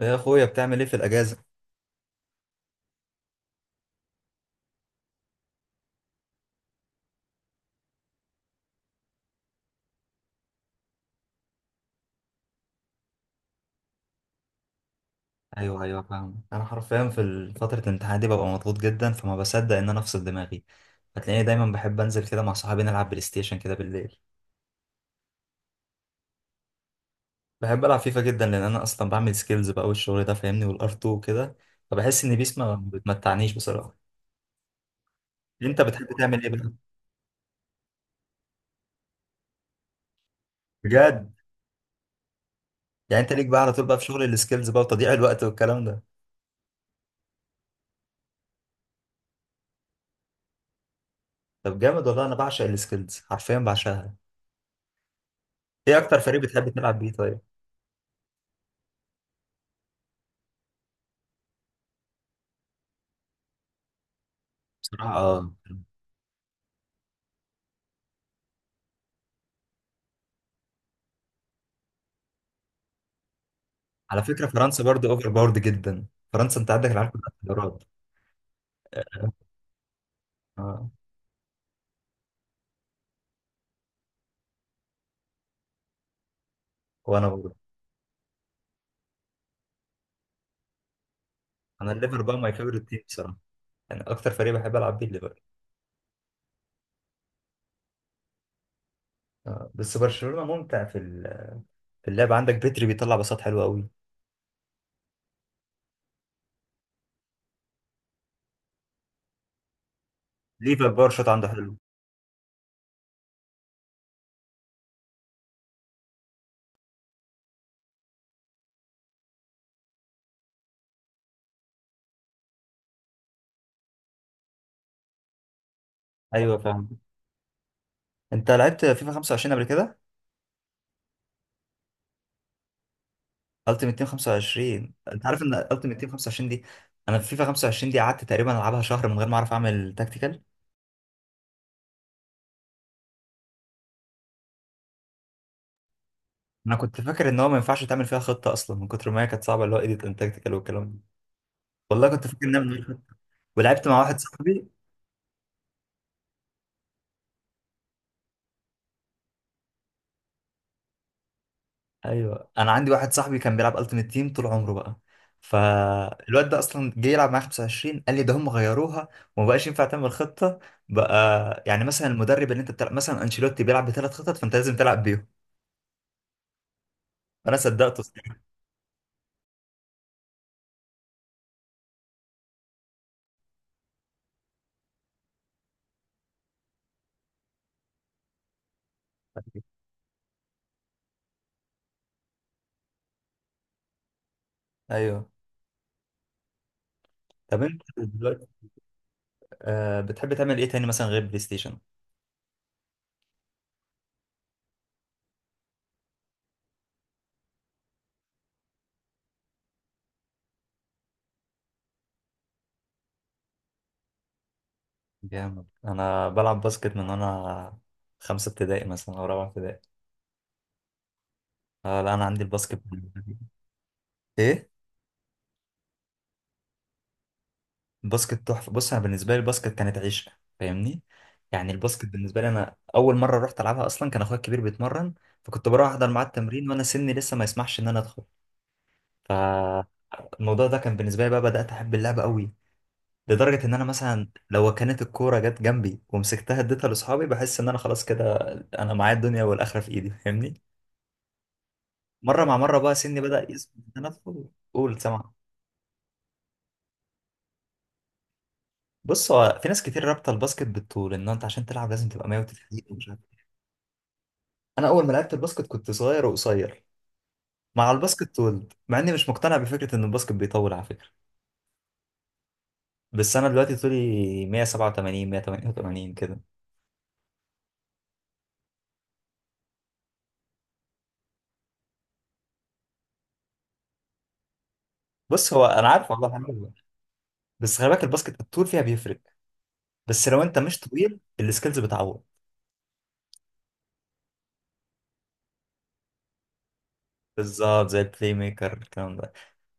يا اخويا بتعمل ايه في الاجازه؟ ايوه، ايوه، فاهم. انا حرفيا في فتره الامتحان دي ببقى مضغوط جدا فما بصدق ان انا افصل دماغي. هتلاقيني دايما بحب انزل كده مع صحابي نلعب بلاي ستيشن كده بالليل. بحب العب فيفا جدا لان انا اصلا بعمل سكيلز بقى والشغل ده فاهمني، والار 2 وكده. فبحس ان بيس ما بتمتعنيش بصراحه. انت بتحب تعمل ايه بقى؟ بجد. يعني انت ليك بقى على طول بقى في شغل السكيلز بقى وتضييع الوقت والكلام ده. طب جامد والله، انا بعشق السكيلز حرفيا بعشقها. ايه اكتر فريق بتحب تلعب بيه طيب؟ بصراحه اه. على فكرة فرنسا برضو اوفر باورد جدا. فرنسا انت عندك العالم كلها انتخابات. اه، وانا برضو. انا الليفر بقى ماي فيفورت تيم بصراحة. يعني اكتر فريق بحب العب بيه الليفر. آه. بس برشلونة ممتع في في اللعب، عندك بيتري بيطلع باصات حلوة قوي. ليفا باور شوت عنده حلو. ايوه فاهم. انت لعبت فيفا 25 قبل كده؟ التيمت تيم 25، انت عارف ان التيمت تيم 25 دي، انا في فيفا 25 دي قعدت تقريبا العبها شهر من غير ما اعرف اعمل تاكتيكال. انا كنت فاكر ان هو ما ينفعش تعمل فيها خطة اصلا من كتر ما هي كانت صعبة، اللي هو ايديت اند تاكتيكال والكلام ده. والله كنت فاكر انها من غير خطة. ولعبت مع واحد صاحبي. ايوه، انا عندي واحد صاحبي كان بيلعب التيمت تيم طول عمره بقى. فالواد ده اصلا جه يلعب معايا 25، قال لي ده هم غيروها وما بقاش ينفع تعمل خطه، بقى يعني مثلا المدرب اللي انت بتلعب مثلا انشيلوتي بيلعب بثلاث خطط فانت لازم تلعب بيهم. انا صدقته الصراحة. ايوه. طب انت دلوقتي بتحب تعمل ايه تاني مثلا غير بلاي ستيشن؟ جامد. انا بلعب باسكت من وانا خمسه ابتدائي مثلا او رابعه ابتدائي. آه لا، انا عندي الباسكت. ايه. الباسكت تحفه. بص انا بالنسبه لي الباسكت كانت عيش، فاهمني. يعني الباسكت بالنسبه لي، انا اول مره رحت العبها اصلا كان اخويا الكبير بيتمرن. فكنت بروح احضر معاه التمرين وانا سني لسه ما يسمحش ان انا ادخل. فالموضوع ده كان بالنسبه لي بقى بدات احب اللعبه قوي. لدرجه ان انا مثلا لو كانت الكوره جت جنبي ومسكتها اديتها لاصحابي بحس ان انا خلاص كده، انا معايا الدنيا والاخره في ايدي فاهمني. مره مع مره بقى سني بدا يسمح ان انا ادخل، قول سامع. بص، هو في ناس كتير رابطه الباسكت بالطول، ان انت عشان تلعب لازم تبقى 190. انا اول ما لعبت الباسكت كنت صغير وقصير. مع الباسكت طولت، مع اني مش مقتنع بفكره ان الباسكت بيطول على فكره. بس انا دلوقتي طولي 187 188 كده. بص هو انا عارف، والله حلو. بس خلي بالك الباسكت الطول فيها بيفرق. بس لو انت مش طويل السكيلز بتعوض. بالظبط زي البلاي ميكر الكلام ده.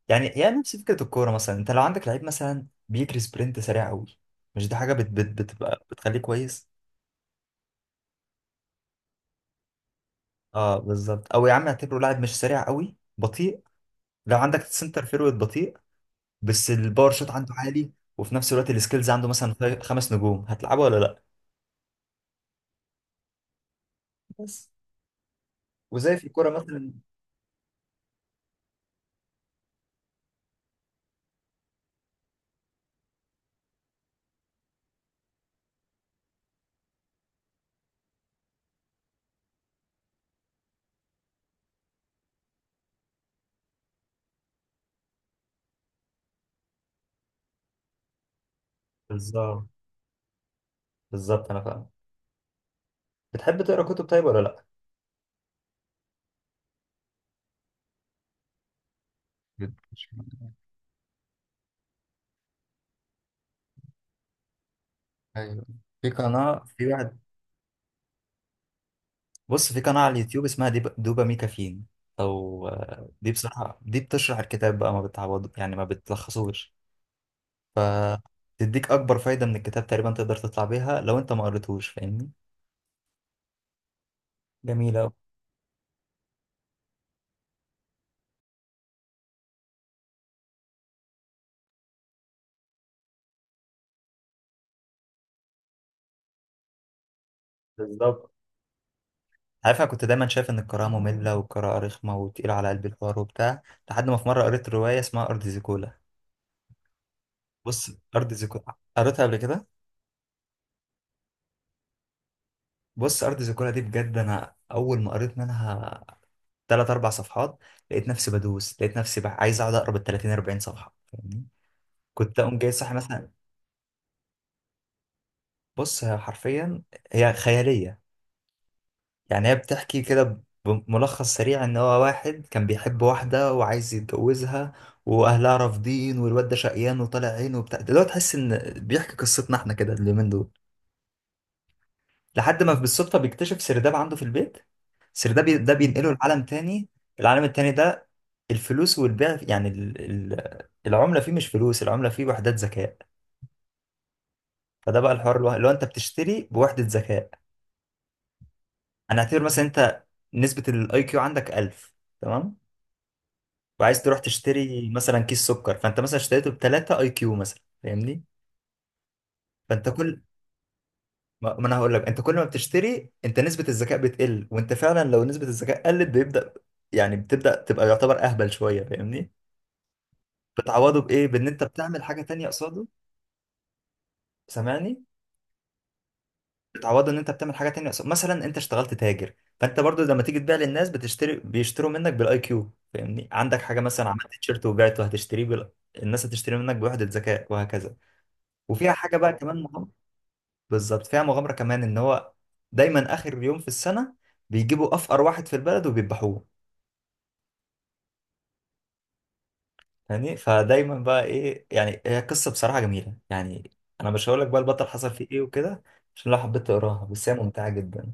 يعني نفس فكره الكوره، مثلا انت لو عندك لعيب مثلا بيجري سبرنت سريع قوي. مش دي حاجه بت بت بتبقى بتخليه كويس؟ اه بالظبط، او يا عم اعتبره لاعب مش سريع قوي، بطيء. لو عندك سنتر فيرود بطيء بس الباور شوت عنده عالي، وفي نفس الوقت السكيلز عنده مثلا خمس نجوم، هتلعبه ولا لا؟ بس. وزي في الكوره مثلا. بالظبط، بالظبط انا فاهم. بتحب تقرا كتب طيب ولا لا؟ بتش- ايوه، في قناه، في واحد. بص في قناه على اليوتيوب اسمها دوبامي كافين. او آه، دي بصراحه دي بتشرح الكتاب بقى، ما بتعوض يعني، ما بتلخصوش. تديك اكبر فايده من الكتاب تقريبا، تقدر تطلع بيها لو انت ما قريتهوش فاهمني. جميله أوي. بالظبط. عارف انا كنت دايما شايف ان القراءه ممله والقراءه رخمه وتقيله على قلبي الحوار وبتاع، لحد ما في مره قريت روايه اسمها ارض زيكولا. بص، ارض زيكولا قريتها قبل كده. بص ارض زيكولا دي بجد انا اول ما قريت منها ثلاث اربع صفحات، لقيت نفسي بقى عايز اقعد اقرا بال 30 40 صفحه فاهمني. كنت اقوم جاي صاحي مثلا. بص، هي حرفيا هي خياليه. يعني هي بتحكي كده بملخص سريع ان هو واحد كان بيحب واحدة وعايز يتجوزها واهلها رافضين والواد ده شقيان وطالع عينه وبتاع، دلوقتي تحس ان بيحكي قصتنا احنا كده اليومين دول. لحد ما بالصدفة بيكتشف سرداب عنده في البيت، سرداب ده بينقله لعالم تاني. العالم التاني ده الفلوس والبيع يعني العملة فيه مش فلوس، العملة فيه وحدات ذكاء. فده بقى الحوار اللي هو انت بتشتري بوحدة ذكاء. هنعتبر مثلا انت نسبة الاي كيو عندك 1000، تمام، وعايز تروح تشتري مثلا كيس سكر، فانت مثلا اشتريته ب 3 اي كيو مثلا فاهمني. فانت كل ما ما انا هقول لك، انت كل ما بتشتري انت نسبة الذكاء بتقل، وانت فعلا لو نسبة الذكاء قلت بيبدأ، يعني بتبدأ تبقى يعتبر اهبل شوية فاهمني. بتعوضه بايه؟ بان انت بتعمل حاجة تانية قصاده، سامعني؟ بتعوضه ان انت بتعمل حاجة تانية قصاده، مثلا انت اشتغلت تاجر. فانت برضو لما تيجي تبيع للناس بيشتروا منك بالاي كيو فاهمني. عندك حاجة مثلا عملت تيشيرت وبعته، هتشتريه الناس هتشتري منك بوحدة ذكاء وهكذا. وفيها حاجة بقى كمان. بالظبط، فيها مغامرة كمان. ان هو دايما اخر يوم في السنة بيجيبوا افقر واحد في البلد وبيذبحوه. يعني فدايما بقى ايه يعني، هي قصة بصراحة جميلة يعني. انا مش هقول لك بقى البطل حصل فيه ايه وكده، عشان لو حبيت تقراها، بس هي ممتعة جدا.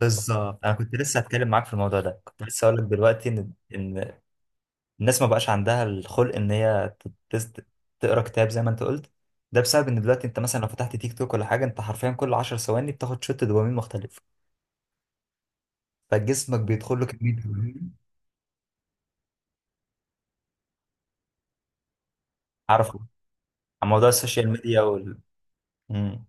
بالظبط. انا كنت لسه هتكلم معاك في الموضوع ده، كنت لسه هقول لك دلوقتي ان الناس ما بقاش عندها الخلق ان هي تت- تقرا كتاب زي ما انت قلت. ده بسبب ان دلوقتي انت مثلا لو فتحت تيك توك ولا حاجة، انت حرفيا كل 10 ثواني بتاخد شوت دوبامين مختلف. فجسمك بيدخل له كميه دوبامين. عارف. عن موضوع السوشيال ميديا مم.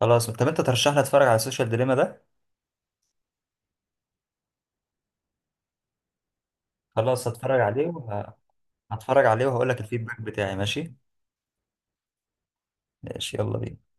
خلاص طب انت ترشح لي اتفرج على السوشيال ديليما ده. خلاص هتفرج عليه هتفرج عليه وهقول لك الفيدباك بتاعي، ماشي. ماشي، يلا بينا.